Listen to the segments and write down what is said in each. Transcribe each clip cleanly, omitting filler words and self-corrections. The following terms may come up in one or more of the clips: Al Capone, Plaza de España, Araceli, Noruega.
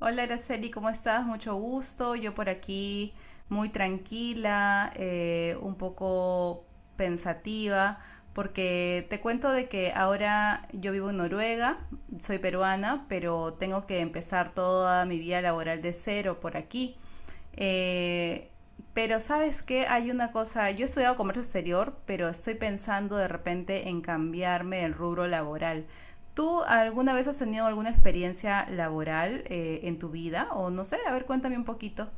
Hola, Araceli, ¿cómo estás? Mucho gusto. Yo por aquí muy tranquila, un poco pensativa, porque te cuento de que ahora yo vivo en Noruega, soy peruana, pero tengo que empezar toda mi vida laboral de cero por aquí. Eh, pero sabes que hay una cosa, yo he estudiado comercio exterior, pero estoy pensando de repente en cambiarme el rubro laboral. ¿Tú alguna vez has tenido alguna experiencia laboral en tu vida? O no sé, a ver, cuéntame un poquito.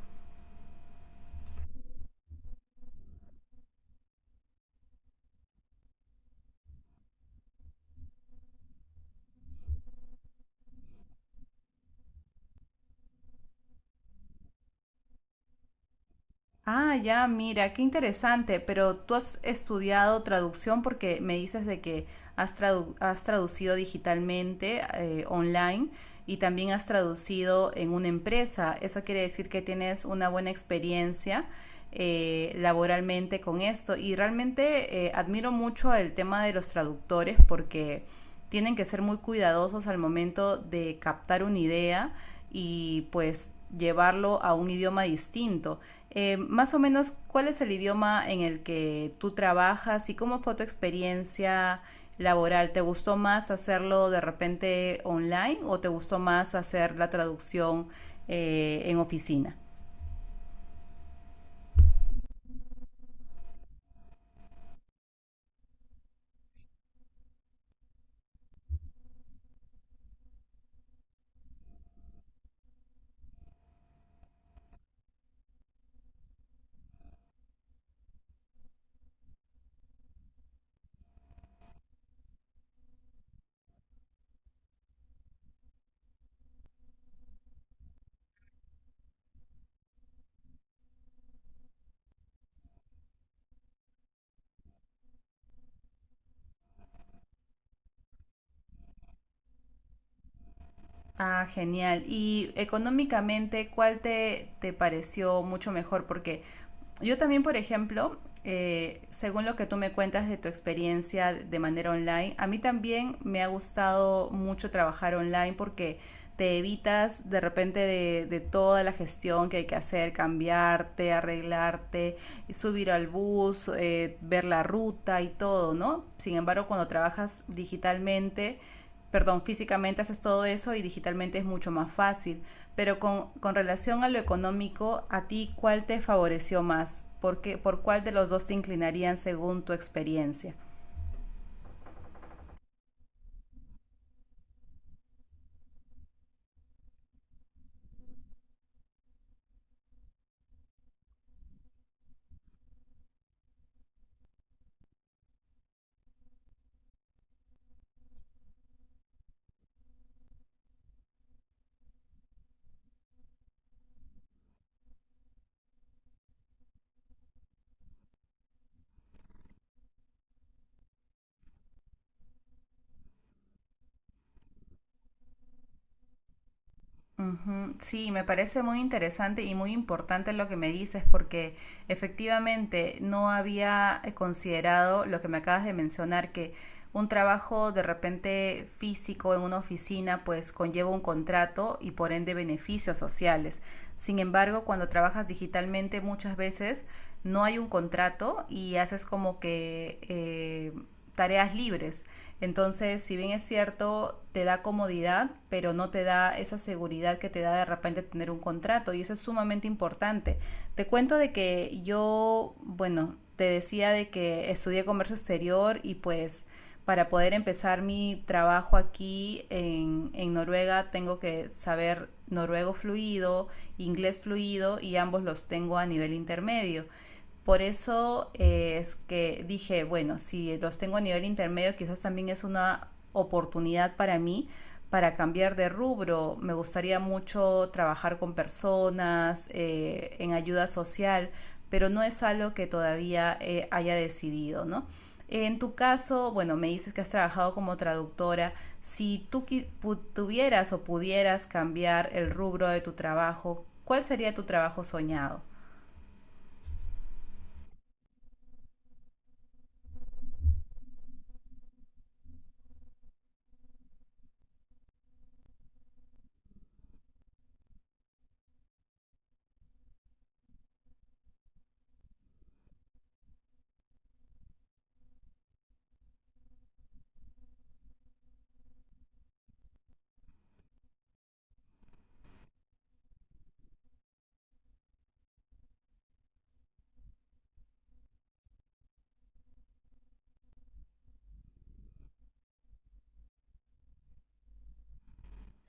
Ah, ya, mira, qué interesante, pero tú has estudiado traducción porque me dices de que has traducido digitalmente, online, y también has traducido en una empresa. Eso quiere decir que tienes una buena experiencia laboralmente con esto. Y realmente admiro mucho el tema de los traductores porque tienen que ser muy cuidadosos al momento de captar una idea y pues llevarlo a un idioma distinto. Más o menos, ¿cuál es el idioma en el que tú trabajas y cómo fue tu experiencia laboral? ¿Te gustó más hacerlo de repente online o te gustó más hacer la traducción en oficina? Ah, genial. Y económicamente, ¿cuál te pareció mucho mejor? Porque yo también, por ejemplo, según lo que tú me cuentas de tu experiencia de manera online, a mí también me ha gustado mucho trabajar online porque te evitas de repente de toda la gestión que hay que hacer, cambiarte, arreglarte, subir al bus, ver la ruta y todo, ¿no? Sin embargo, cuando trabajas digitalmente, perdón, físicamente haces todo eso y digitalmente es mucho más fácil. Pero con relación a lo económico, ¿a ti cuál te favoreció más? ¿Por cuál de los dos te inclinarían según tu experiencia? Ujú. Sí, me parece muy interesante y muy importante lo que me dices porque efectivamente no había considerado lo que me acabas de mencionar, que un trabajo de repente físico en una oficina pues conlleva un contrato y por ende beneficios sociales. Sin embargo, cuando trabajas digitalmente muchas veces no hay un contrato y haces como que tareas libres. Entonces, si bien es cierto, te da comodidad, pero no te da esa seguridad que te da de repente tener un contrato y eso es sumamente importante. Te cuento de que yo, bueno, te decía de que estudié comercio exterior y pues para poder empezar mi trabajo aquí en Noruega tengo que saber noruego fluido, inglés fluido y ambos los tengo a nivel intermedio. Por eso es que dije, bueno, si los tengo a nivel intermedio, quizás también es una oportunidad para mí para cambiar de rubro. Me gustaría mucho trabajar con personas, en ayuda social, pero no es algo que todavía haya decidido, ¿no? En tu caso, bueno, me dices que has trabajado como traductora. Si tú tuvieras o pudieras cambiar el rubro de tu trabajo, ¿cuál sería tu trabajo soñado?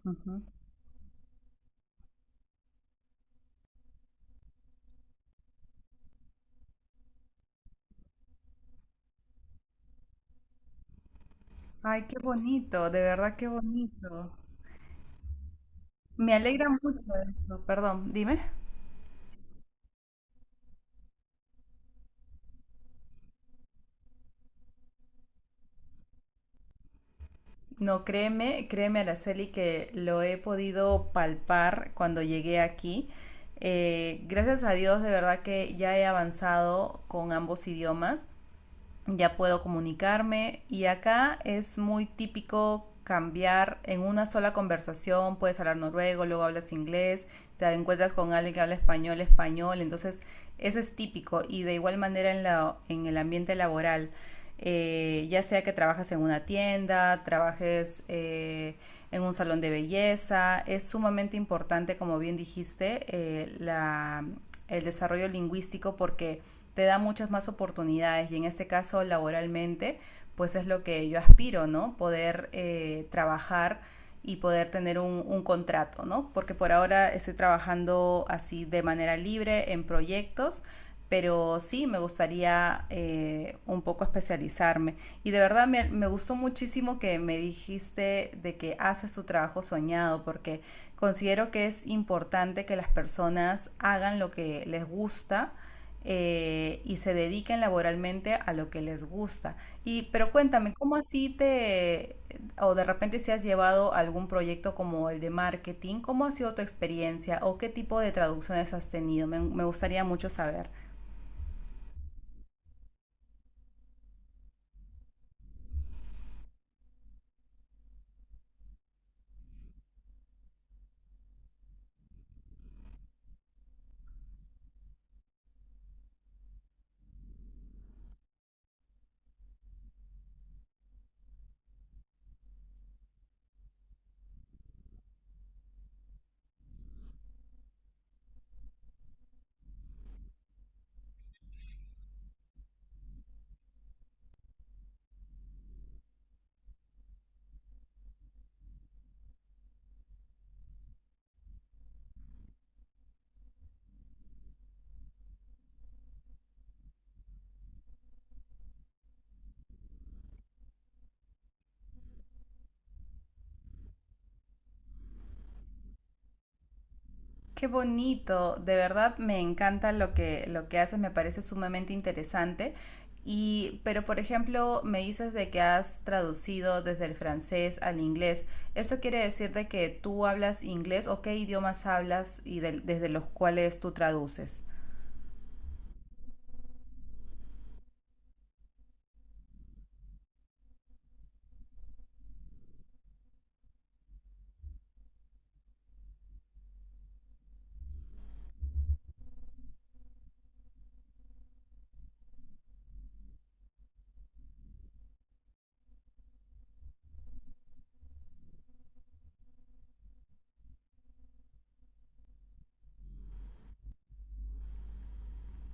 Uh -huh. Ay, qué bonito, de verdad qué bonito. Me alegra mucho eso. Perdón, dime. No, créeme, créeme, Araceli, que lo he podido palpar cuando llegué aquí. Gracias a Dios, de verdad que ya he avanzado con ambos idiomas. Ya puedo comunicarme y acá es muy típico cambiar en una sola conversación, puedes hablar noruego, luego hablas inglés, te encuentras con alguien que habla español, español, entonces eso es típico y de igual manera en el ambiente laboral, ya sea que trabajes en una tienda, trabajes en un salón de belleza, es sumamente importante, como bien dijiste, el desarrollo lingüístico porque te da muchas más oportunidades y en este caso laboralmente, pues es lo que yo aspiro, ¿no? Poder trabajar y poder tener un contrato, ¿no? Porque por ahora estoy trabajando así de manera libre en proyectos, pero sí me gustaría un poco especializarme. Y de verdad me gustó muchísimo que me dijiste de que haces tu trabajo soñado, porque considero que es importante que las personas hagan lo que les gusta y se dediquen laboralmente a lo que les gusta. Y, pero cuéntame, o de repente si has llevado algún proyecto como el de marketing, ¿cómo ha sido tu experiencia o qué tipo de traducciones has tenido? Me gustaría mucho saber. Qué bonito, de verdad me encanta lo que haces, me parece sumamente interesante. Y, pero por ejemplo, me dices de que has traducido desde el francés al inglés. ¿Eso quiere decir de que tú hablas inglés o qué idiomas hablas y desde los cuales tú traduces?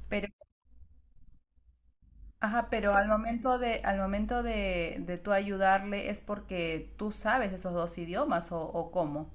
Pero, ajá, pero al momento al momento de tú ayudarle es porque tú sabes esos dos idiomas o cómo.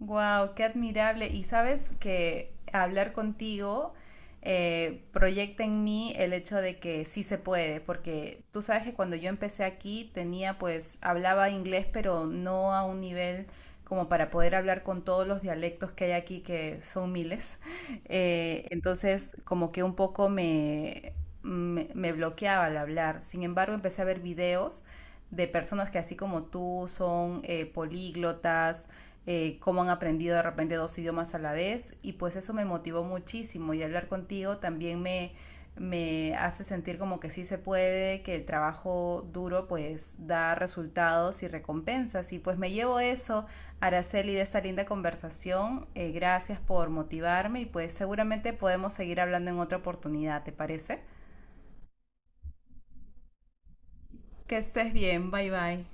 Wow, qué admirable. Y sabes que hablar contigo proyecta en mí el hecho de que sí se puede, porque tú sabes que cuando yo empecé aquí tenía, pues, hablaba inglés, pero no a un nivel como para poder hablar con todos los dialectos que hay aquí, que son miles. Entonces, como que un poco me bloqueaba al hablar. Sin embargo, empecé a ver videos de personas que así como tú son políglotas cómo han aprendido de repente dos idiomas a la vez y pues eso me motivó muchísimo y hablar contigo también me hace sentir como que sí se puede, que el trabajo duro pues da resultados y recompensas. Y pues me llevo eso, Araceli, de esta linda conversación. Gracias por motivarme y pues seguramente podemos seguir hablando en otra oportunidad, ¿te parece? Que estés bien, bye bye.